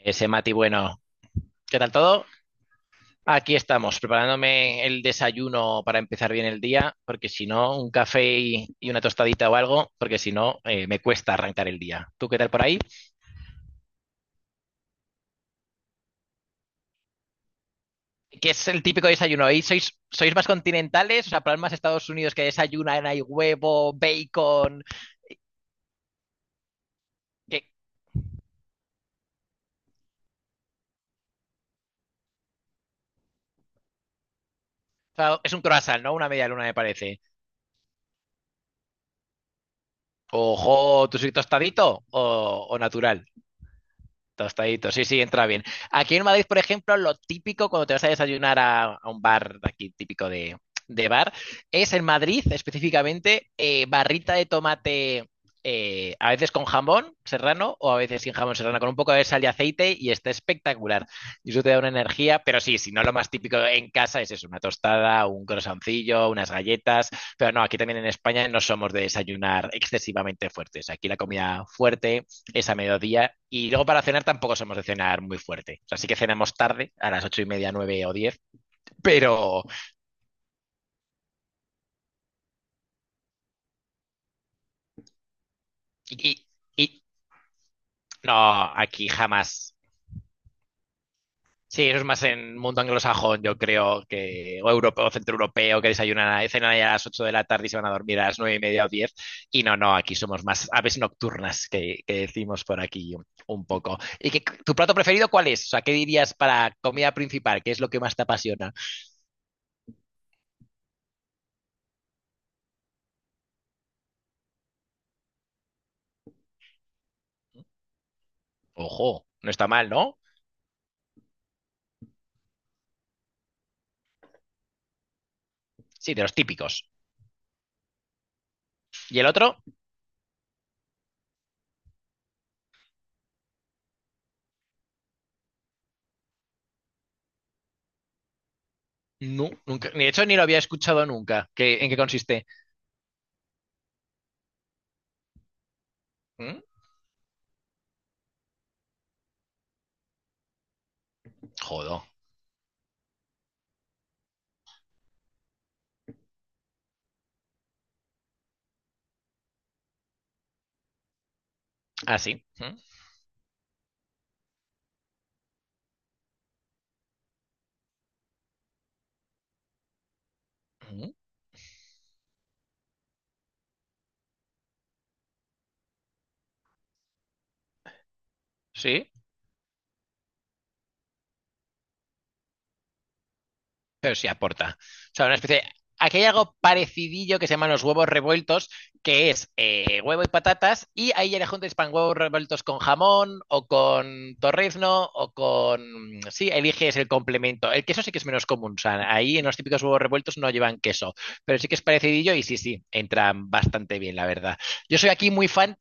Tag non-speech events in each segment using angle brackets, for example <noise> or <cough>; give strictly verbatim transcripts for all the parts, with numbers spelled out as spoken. Ese Mati, bueno, ¿qué tal todo? Aquí estamos, preparándome el desayuno para empezar bien el día, porque si no, un café y, y una tostadita o algo, porque si no, eh, me cuesta arrancar el día. ¿Tú qué tal por ahí? ¿Qué es el típico desayuno ahí? ¿Sois, sois más continentales? O sea, para más Estados Unidos que desayunan, hay huevo, bacon. que- o sea, es un croissant, ¿no? Una media luna, me parece. Ojo, ¿tú sois tostadito o, o natural? Tostadito, sí, sí, entra bien. Aquí en Madrid, por ejemplo, lo típico cuando te vas a desayunar a, a un bar de aquí típico de, de bar es en Madrid específicamente eh, barrita de tomate, eh, a veces con jamón serrano o a veces sin jamón serrano, con un poco de sal y aceite y está espectacular. Y eso te da una energía, pero sí, si no lo más típico en casa es eso, una tostada, un croissantillo, unas galletas, pero no, aquí también en España no somos de desayunar excesivamente fuertes. Aquí la comida fuerte es a mediodía. Y luego para cenar tampoco somos de cenar muy fuerte. O sea, sí que cenamos tarde, a las ocho y media, nueve o diez. Pero. Y, y no, aquí jamás. Sí, eso es más en mundo anglosajón, yo creo que, o europeo, centroeuropeo, que desayunan, a- cenan ahí a las ocho de la tarde y se van a dormir a las nueve y media o diez. Y no, no, aquí somos más aves nocturnas que, que decimos por aquí un, un poco. ¿Y qué tu plato preferido cuál es? O sea, ¿qué dirías para comida principal? ¿Qué es lo que más te apasiona? Ojo, no está mal, ¿no? Sí, de los típicos. Y el otro, no, nunca. De hecho, ni lo había escuchado nunca. ¿Qué- ¿En qué consiste? ¿Mm? Jodo. Así. Sí. ¿Mm? Sí, pero sí aporta. O sea, una especie de... Aquí hay algo parecidillo que se llaman los huevos revueltos, que es eh, huevo y patatas, y ahí ya le juntas pan huevos revueltos con jamón o con torrezno o con... Sí, eliges el complemento. El queso sí que es menos común, o sea, ahí en los típicos huevos revueltos no llevan queso, pero sí que es parecidillo y sí, sí, entran bastante bien, la verdad. Yo soy aquí muy fan.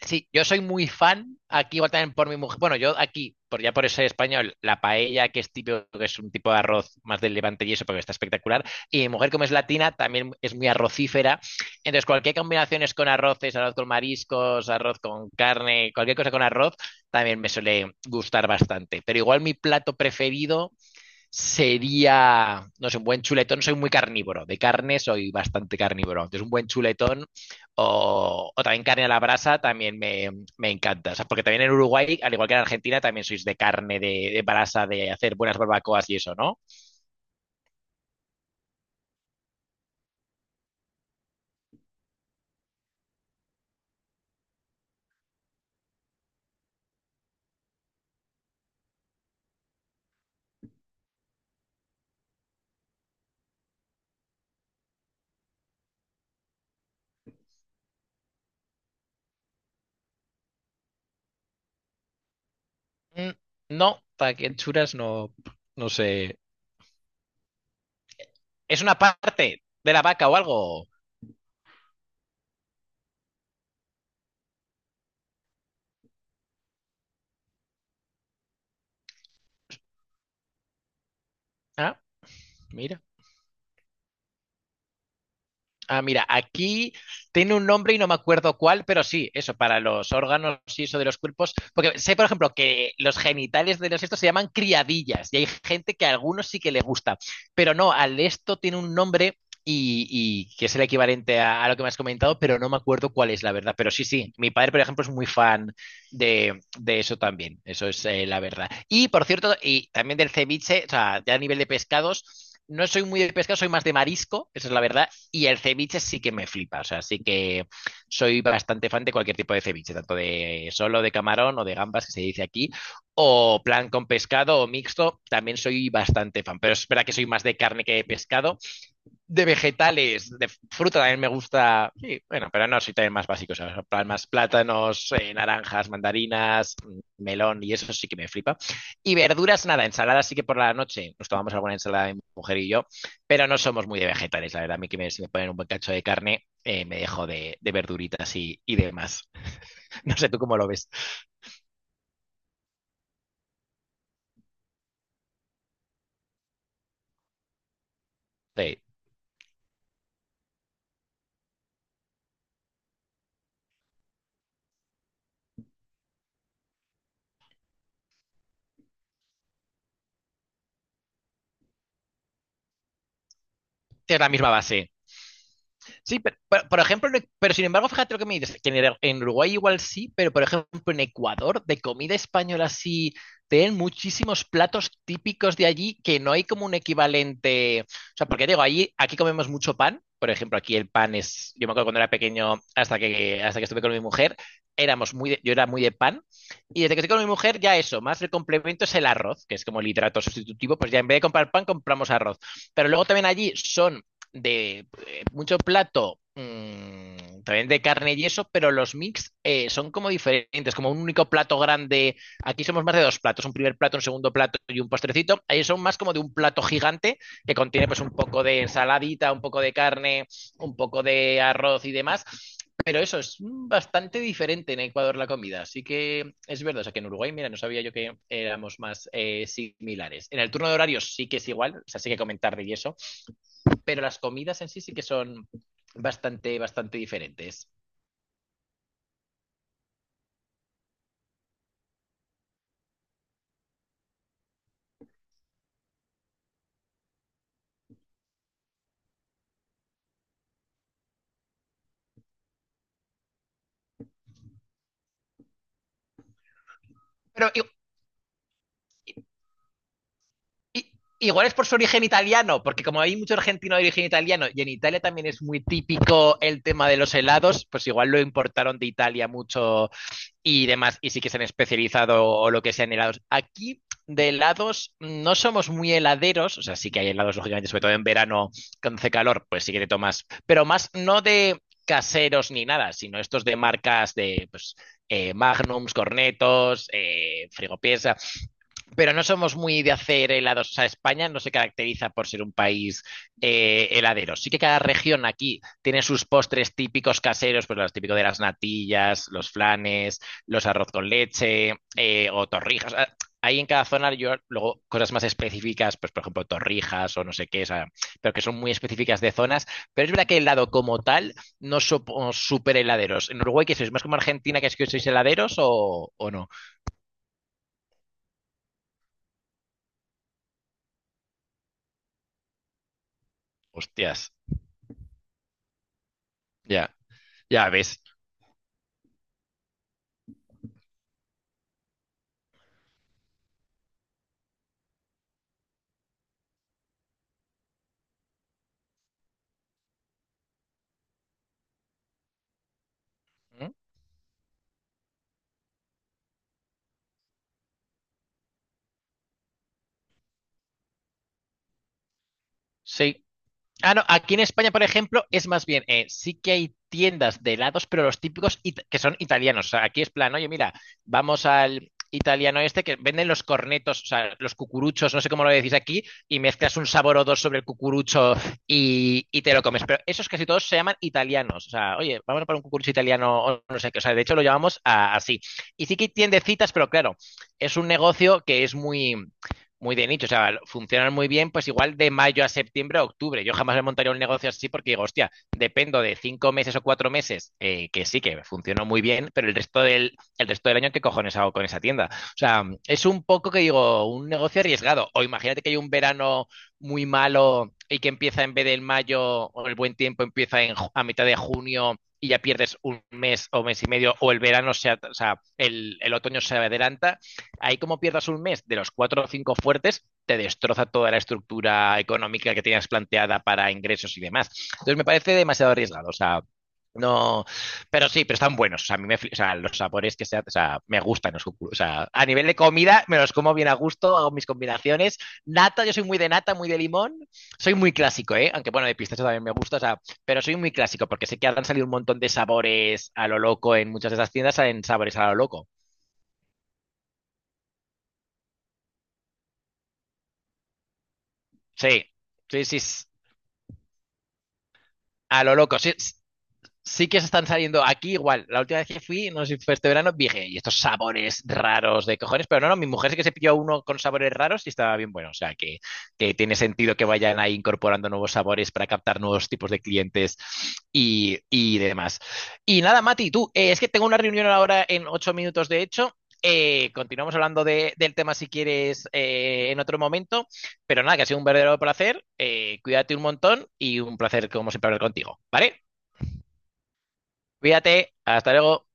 Sí, yo soy muy fan aquí igual también por mi mujer. Bueno, yo aquí, por ya por eso soy español, la paella, que es típico, que es un tipo de arroz más del Levante y eso, porque está espectacular. Y mi mujer, como es latina, también es muy arrocífera. Entonces, cualquier combinación es con arroces, arroz con mariscos, arroz con carne, cualquier cosa con arroz, también me suele gustar bastante. Pero igual mi plato preferido sería, no sé, un buen chuletón, soy muy carnívoro, de carne soy bastante carnívoro, entonces un buen chuletón o, o también carne a la brasa también me, me encanta, o sea, porque también en Uruguay, al igual que en Argentina, también sois de carne, de, de brasa, de hacer buenas barbacoas y eso, ¿no? Mm. No, para que churas no, no sé. ¿Es una parte de la vaca o algo? Ah, mira. Ah, mira, aquí tiene un nombre y no me acuerdo cuál, pero sí, eso, para los órganos y eso de los cuerpos. Porque sé, por ejemplo, que los genitales de los estos se llaman criadillas y hay gente que a algunos sí que le gusta, pero no, al esto tiene un nombre y, y que es el equivalente a, a lo que me has comentado, pero no me acuerdo cuál es la verdad. Pero sí, sí, mi padre, por ejemplo, es muy fan de, de eso también, eso es eh, la verdad. Y por cierto, y también del ceviche, o sea, ya a nivel de pescados. No soy muy de pescado, soy más de marisco, esa es la verdad. Y el ceviche sí que me flipa, o sea, sí que soy bastante fan de cualquier tipo de ceviche, tanto de solo de camarón o de gambas, que se dice aquí, o plan con pescado o mixto, también soy bastante fan, pero es verdad que soy más de carne que de pescado, de vegetales, de fruta también me gusta. Sí, bueno, pero no, soy también más básico. O sea, pl- más plátanos, eh, naranjas, mandarinas, mm, melón y eso sí que me flipa. Y verduras, nada, ensaladas sí que por la noche nos tomamos alguna ensalada mi mujer y yo, pero no somos muy de vegetales, la verdad. A mí que me, si me ponen un buen cacho de carne, eh, me dejo de, de verduritas y, y demás. <laughs> No sé tú cómo lo ves. Sí. Es la misma base. Sí, pero, pero- por ejemplo, pero sin embargo, fíjate lo que me dices, que en en Uruguay igual sí, pero por ejemplo en Ecuador, de comida española sí, tienen muchísimos platos típicos de allí que no hay como un equivalente. O sea, porque digo, allí, aquí comemos mucho pan, por ejemplo, aquí el pan es, yo me acuerdo cuando era pequeño, hasta que, hasta que estuve con mi mujer, éramos muy de- yo era muy de pan, y desde que estoy con mi mujer ya eso, más el complemento es el arroz, que es como el hidrato sustitutivo, pues ya en vez de comprar pan compramos arroz. Pero luego también allí son de eh, mucho plato, mm, también de carne y eso, pero los mix eh, son como diferentes, como un único plato grande. Aquí somos más de dos platos, un primer plato, un segundo plato y un postrecito. Ahí son más como de un plato gigante que contiene pues un poco de ensaladita, un poco de carne, un poco de arroz y demás. Pero eso es mm, bastante diferente en Ecuador la comida. Así que es verdad, o sea que en Uruguay, mira, no sabía yo que éramos más eh, similares. En el turno de horarios sí que es igual, o sea, sí que comentar y eso, pero las comidas en sí sí que son bastante, bastante diferentes. Pero i- i- igual es por su origen italiano, porque como hay mucho argentino de origen italiano y en Italia también es muy típico el tema de los helados, pues igual lo importaron de Italia mucho y demás, y sí que se han especializado o lo que sea en helados. Aquí de helados no somos muy heladeros, o sea, sí que hay helados, lógicamente, sobre todo en verano, cuando hace calor, pues sí que te tomas, pero más no de caseros ni nada, sino estos de marcas de pues, eh, Magnums, Cornetos, eh, Frigopiesa, pero no somos muy de hacer helados. O sea, España no se caracteriza por ser un país eh, heladero. Sí que cada región aquí tiene sus postres típicos caseros, pues los típicos de las natillas, los flanes, los arroz con leche eh, o torrijas. Ah, ahí en cada zona yo luego cosas más específicas, pues por ejemplo torrijas o no sé qué, o sea, pero que son muy específicas de zonas. Pero es verdad que el helado como tal no somos súper heladeros. ¿En Uruguay qué sois? ¿Más como Argentina que es que sois heladeros o, o no? Hostias, ya, ya ves. Mm. Sí. Ah, no, aquí en España, por ejemplo, es más bien, eh, sí que hay tiendas de helados, pero los típicos it- que son italianos. O sea, aquí es plan, oye, mira, vamos al italiano este que venden los cornetos, o sea, los cucuruchos, no sé cómo lo decís aquí, y mezclas un sabor o dos sobre el cucurucho y, y te lo comes. Pero esos casi todos se llaman italianos. O sea, oye, vamos para un cucurucho italiano o no sé qué. O sea, de hecho lo llamamos a- así. Y sí que hay tiendecitas, pero claro, es un negocio que es muy... muy de nicho, o sea, funcionan muy bien, pues igual de mayo a septiembre a octubre. Yo jamás me montaría un negocio así porque digo, hostia, dependo de cinco meses o cuatro meses, eh, que sí, que funcionó muy bien, pero el resto del, el resto del año, ¿qué cojones hago con esa tienda? O sea, es un poco que digo, un negocio arriesgado. O imagínate que hay un verano muy malo y que empieza en vez del mayo o el buen tiempo, empieza en, ju- a mitad de junio y ya pierdes un mes o mes y medio, o el verano, se, at- o sea, el, el, otoño se adelanta, ahí como pierdas un mes de los cuatro o cinco fuertes, te destroza toda la estructura económica que tenías planteada para ingresos y demás. Entonces me parece demasiado arriesgado, o sea, no, pero sí, pero están buenos. O sea, a mí me, o sea, los sabores que se, ha- o sea, me gustan los cucuruchos. O sea, a nivel de comida me los como bien a gusto, hago mis combinaciones. Nata, yo soy muy de nata, muy de limón. Soy muy clásico, ¿eh? Aunque bueno, de pistacho también me gusta, o sea, pero soy muy clásico porque sé que han salido un montón de sabores a lo loco en muchas de esas tiendas, salen sabores a lo loco. Sí, sí, sí. A lo loco. Sí, sí que se están saliendo aquí igual. La última vez que fui, no sé si fue este verano, dije, y estos sabores raros de cojones, pero no, no, mi mujer sí que se pilló uno con sabores raros y estaba bien bueno. O sea, que, que tiene sentido que vayan ahí incorporando nuevos sabores para captar nuevos tipos de clientes y, y demás. Y nada, Mati, tú, eh, es que tengo una reunión ahora en ocho minutos, de hecho. Eh, continuamos hablando de, del tema si quieres eh, en otro momento, pero nada, que ha sido un verdadero placer. Eh, cuídate un montón y un placer como siempre hablar contigo, ¿vale? Cuídate, hasta luego.